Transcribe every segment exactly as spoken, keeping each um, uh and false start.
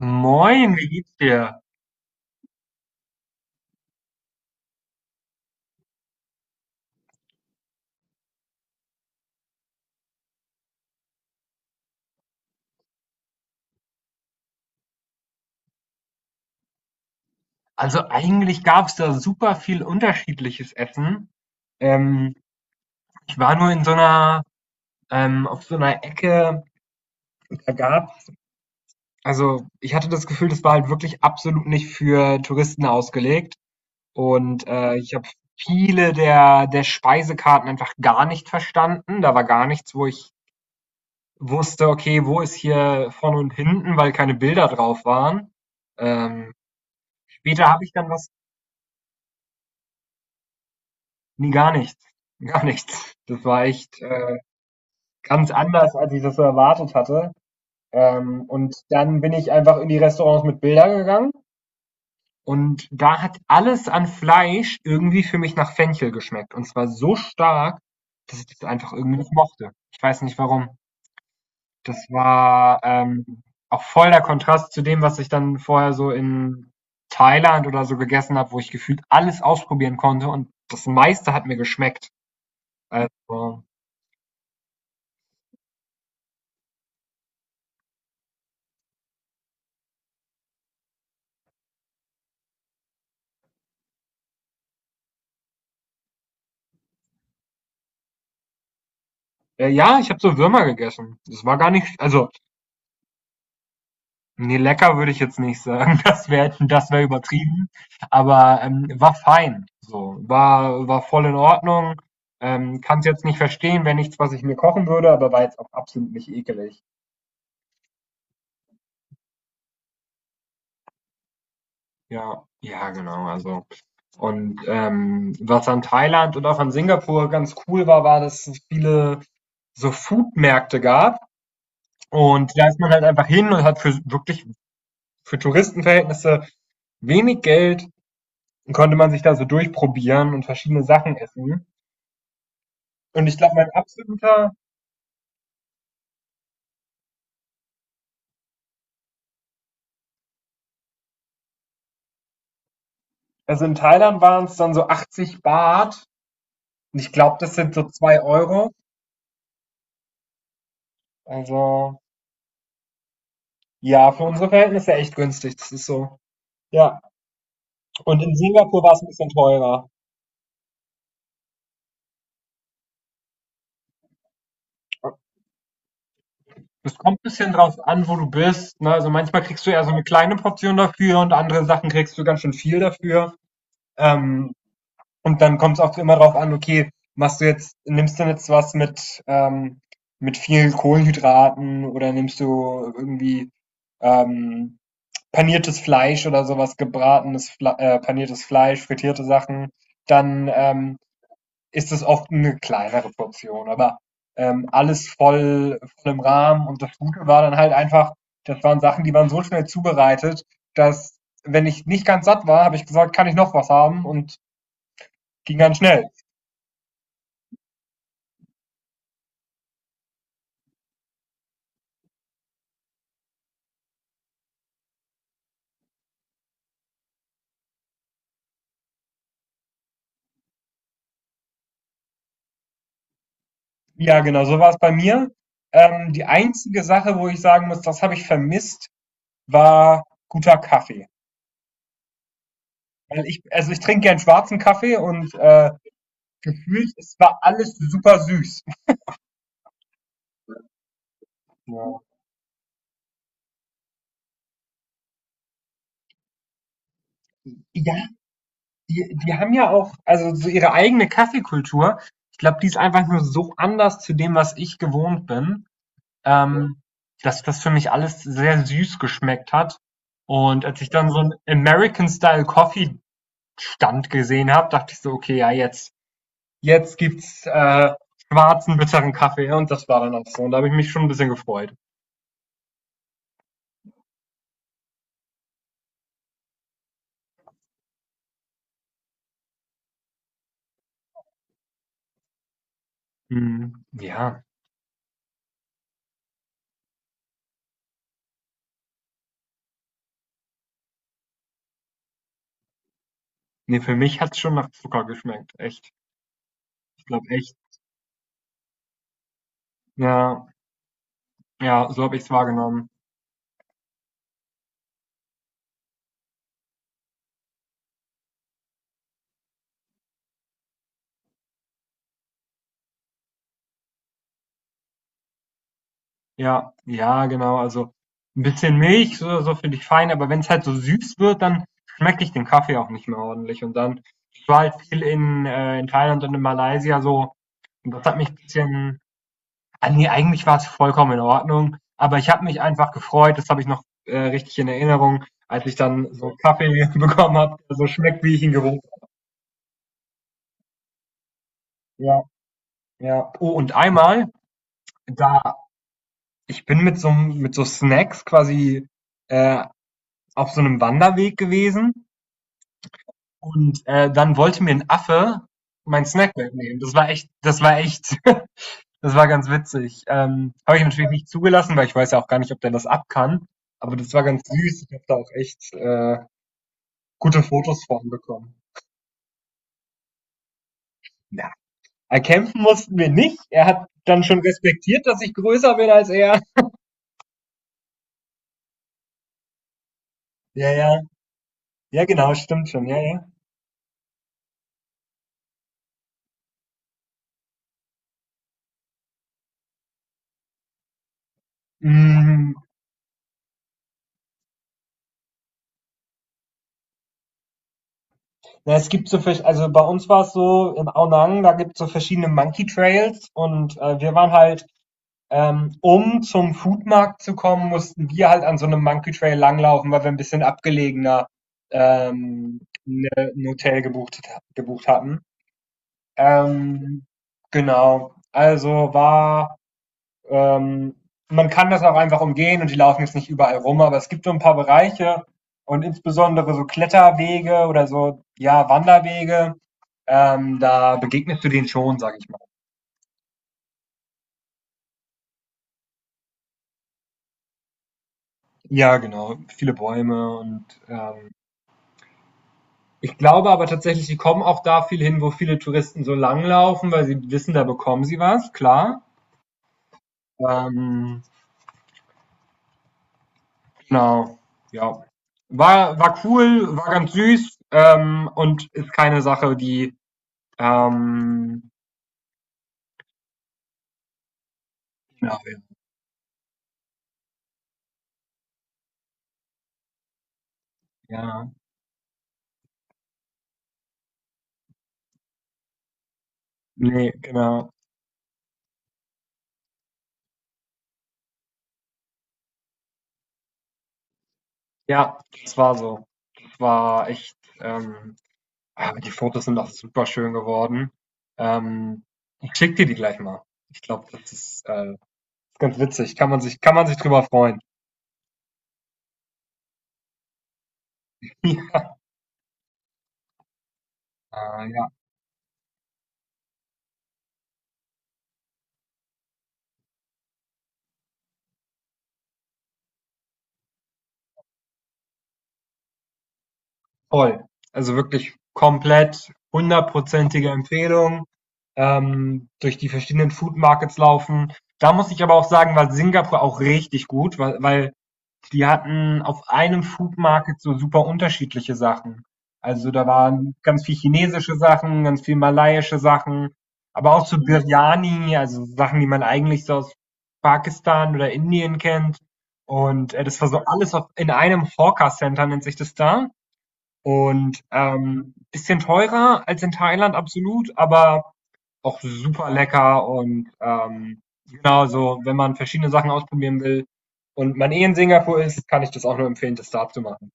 Moin, wie geht's dir? Also eigentlich gab es da super viel unterschiedliches Essen. Ähm, Ich war nur in so einer, ähm, auf so einer Ecke. da gab's, also ich hatte das Gefühl, das war halt wirklich absolut nicht für Touristen ausgelegt. Und äh, ich habe viele der, der Speisekarten einfach gar nicht verstanden. Da war gar nichts, wo ich wusste, okay, wo ist hier vorne und hinten, weil keine Bilder drauf waren. Ähm, Später habe ich dann was. Ne, gar nichts, gar nichts. Das war echt, äh, ganz anders, als ich das so erwartet hatte. Ähm, und dann bin ich einfach in die Restaurants mit Bildern gegangen, und da hat alles an Fleisch irgendwie für mich nach Fenchel geschmeckt, und zwar so stark, dass ich das einfach irgendwie nicht mochte. Ich weiß nicht warum. Das war, ähm, auch voll der Kontrast zu dem, was ich dann vorher so in Thailand oder so gegessen habe, wo ich gefühlt alles ausprobieren konnte und das meiste hat mir geschmeckt. Also Äh, ja, ich habe so Würmer gegessen. Das war gar nicht, also, nee, lecker würde ich jetzt nicht sagen. Das wäre das wär übertrieben. Aber ähm, war fein. So, war, war voll in Ordnung. Ähm, kann es jetzt nicht verstehen, wäre nichts, was ich mir kochen würde, aber war jetzt auch absolut nicht ekelig. Ja, ja, genau. Also, und ähm, was an Thailand und auch an Singapur ganz cool war, war, dass es viele so Foodmärkte gab, und da ist man halt einfach hin und hat für wirklich für Touristenverhältnisse wenig Geld. Dann konnte man sich da so durchprobieren und verschiedene Sachen essen. Und ich glaube, mein absoluter, also in Thailand waren es dann so achtzig Baht. Und ich glaube, das sind so zwei Euro. Also ja, für unsere Verhältnisse echt günstig. Das ist so. Ja. Und in Singapur war es ein bisschen teurer. Es kommt ein bisschen drauf an, wo du bist. Ne? Also manchmal kriegst du eher so eine kleine Portion dafür, und andere Sachen kriegst du ganz schön viel dafür. Ähm, Und dann kommt es auch immer darauf an, okay, machst du jetzt nimmst du jetzt was mit, ähm, mit viel Kohlenhydraten, oder nimmst du irgendwie, ähm, paniertes Fleisch oder sowas, gebratenes Fle äh, paniertes Fleisch, frittierte Sachen, dann, ähm, ist es oft eine kleinere Portion, aber, ähm, alles voll voll im Rahmen. Und das Gute war dann halt einfach, das waren Sachen, die waren so schnell zubereitet, dass, wenn ich nicht ganz satt war, habe ich gesagt: „Kann ich noch was haben?" und ging ganz schnell. Ja, genau, so war es bei mir. Ähm, die einzige Sache, wo ich sagen muss, das habe ich vermisst, war guter Kaffee. Weil ich, also ich trinke gern schwarzen Kaffee, und, äh, gefühlt, es war alles super süß. Ja. Ja, die die haben ja auch, also so ihre eigene Kaffeekultur. Ich glaube, die ist einfach nur so anders zu dem, was ich gewohnt bin, Ja. ähm, dass das für mich alles sehr süß geschmeckt hat. Und als ich dann so einen American Style Coffee Stand gesehen habe, dachte ich so: „Okay, ja, jetzt“ jetzt gibt's, äh, schwarzen, bitteren Kaffee", und das war dann auch so. Und da habe ich mich schon ein bisschen gefreut. Mhm, ja. Ne, für mich hat's schon nach Zucker geschmeckt, echt. Ich glaube echt. Ja, ja, so habe ich's wahrgenommen. Ja, ja, genau. Also, ein bisschen Milch, so so finde ich fein, aber wenn's halt so süß wird, dann schmecke ich den Kaffee auch nicht mehr ordentlich. Und dann, ich war halt viel in, äh in Thailand und in Malaysia so, und das hat mich ein bisschen. Ah, ne, eigentlich war es vollkommen in Ordnung, aber ich habe mich einfach gefreut. Das habe ich noch, äh, richtig in Erinnerung, als ich dann so Kaffee bekommen habe, der so schmeckt, wie ich ihn gewohnt. habe. Ja, ja. Oh, und einmal, da ich bin mit so mit so Snacks quasi, äh, auf so einem Wanderweg gewesen, und, äh, dann wollte mir ein Affe meinen Snack wegnehmen. Das war echt das war echt Das war ganz witzig. Ähm, habe ich natürlich nicht zugelassen, weil ich weiß ja auch gar nicht, ob der das ab kann. Aber das war ganz süß. Ich habe da auch echt äh, gute Fotos von bekommen. Ja, erkämpfen mussten wir nicht. Er hat dann schon respektiert, dass ich größer bin als er. Ja, ja. Ja, genau, stimmt schon. Ja, ja. Mm, na, es gibt so, vers- also bei uns war es so, in Aonang, da gibt es so verschiedene Monkey Trails, und äh, wir waren halt. Ähm, um zum Foodmarkt zu kommen, mussten wir halt an so einem Monkey Trail langlaufen, weil wir ein bisschen abgelegener, ähm, ne, ein Hotel gebucht, gebucht hatten. Ähm, genau. Also war, ähm, Man kann das auch einfach umgehen, und die laufen jetzt nicht überall rum, aber es gibt so ein paar Bereiche und insbesondere so Kletterwege oder so, ja, Wanderwege, ähm, da begegnest du denen schon, sag ich mal. Ja, genau. Viele Bäume, und ähm, ich glaube aber tatsächlich, die kommen auch da viel hin, wo viele Touristen so langlaufen, weil sie wissen, da bekommen sie was, klar. Ähm, genau, ja. War, war cool, war ganz süß, ähm, und ist keine Sache, die. Ähm, genau, ja, nee, genau. Ja, das war so. Das war echt. Ähm, aber die Fotos sind auch super schön geworden. Ähm, Ich schicke dir die gleich mal. Ich glaube, das ist äh, ganz witzig. Kann man sich, kann man sich drüber freuen. Äh, ja, voll. Also wirklich komplett hundertprozentige Empfehlung. Ähm, durch die verschiedenen Food Markets laufen. Da muss ich aber auch sagen, war Singapur auch richtig gut, weil, weil die hatten auf einem Food Market so super unterschiedliche Sachen. Also da waren ganz viel chinesische Sachen, ganz viel malaiische Sachen, aber auch so Biryani, also Sachen, die man eigentlich so aus Pakistan oder Indien kennt. Und äh, das war so alles auf, in einem Hawker Center, nennt sich das da. Und, ähm, bisschen teurer als in Thailand, absolut, aber auch super lecker und, ähm, genau, so, wenn man verschiedene Sachen ausprobieren will und man eh in Singapur ist, kann ich das auch nur empfehlen, das da zu machen.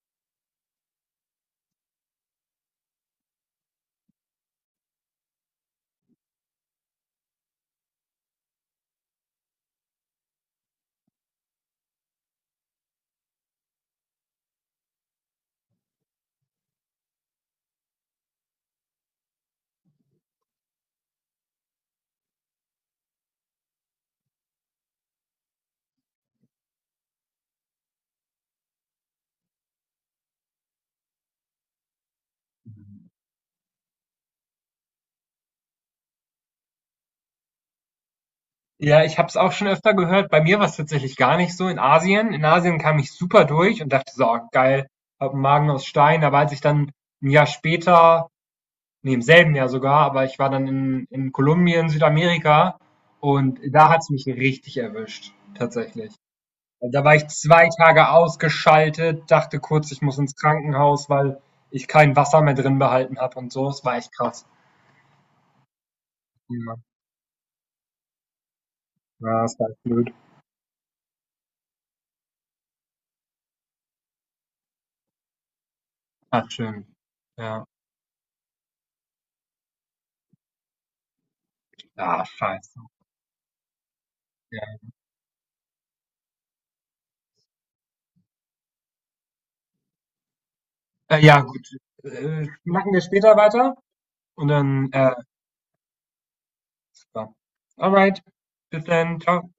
Ja, ich habe es auch schon öfter gehört. Bei mir war es tatsächlich gar nicht so in Asien. In Asien kam ich super durch und dachte so: „Oh, geil, hab einen Magen aus Stein." Aber als ich dann ein Jahr später, ne, im selben Jahr sogar, aber ich war dann in in Kolumbien, Südamerika, und da hat's mich richtig erwischt, tatsächlich. Also da war ich zwei Tage ausgeschaltet, dachte kurz, ich muss ins Krankenhaus, weil ich kein Wasser mehr drin behalten habe und so. Das war echt krass. Ja, ja, das war echt blöd. Ah, schön. Ja. Ja, scheiße. Ja. Äh, ja, gut. Äh, schnacken wir später weiter, und dann, äh, super. Alright. Bis dann. Ciao.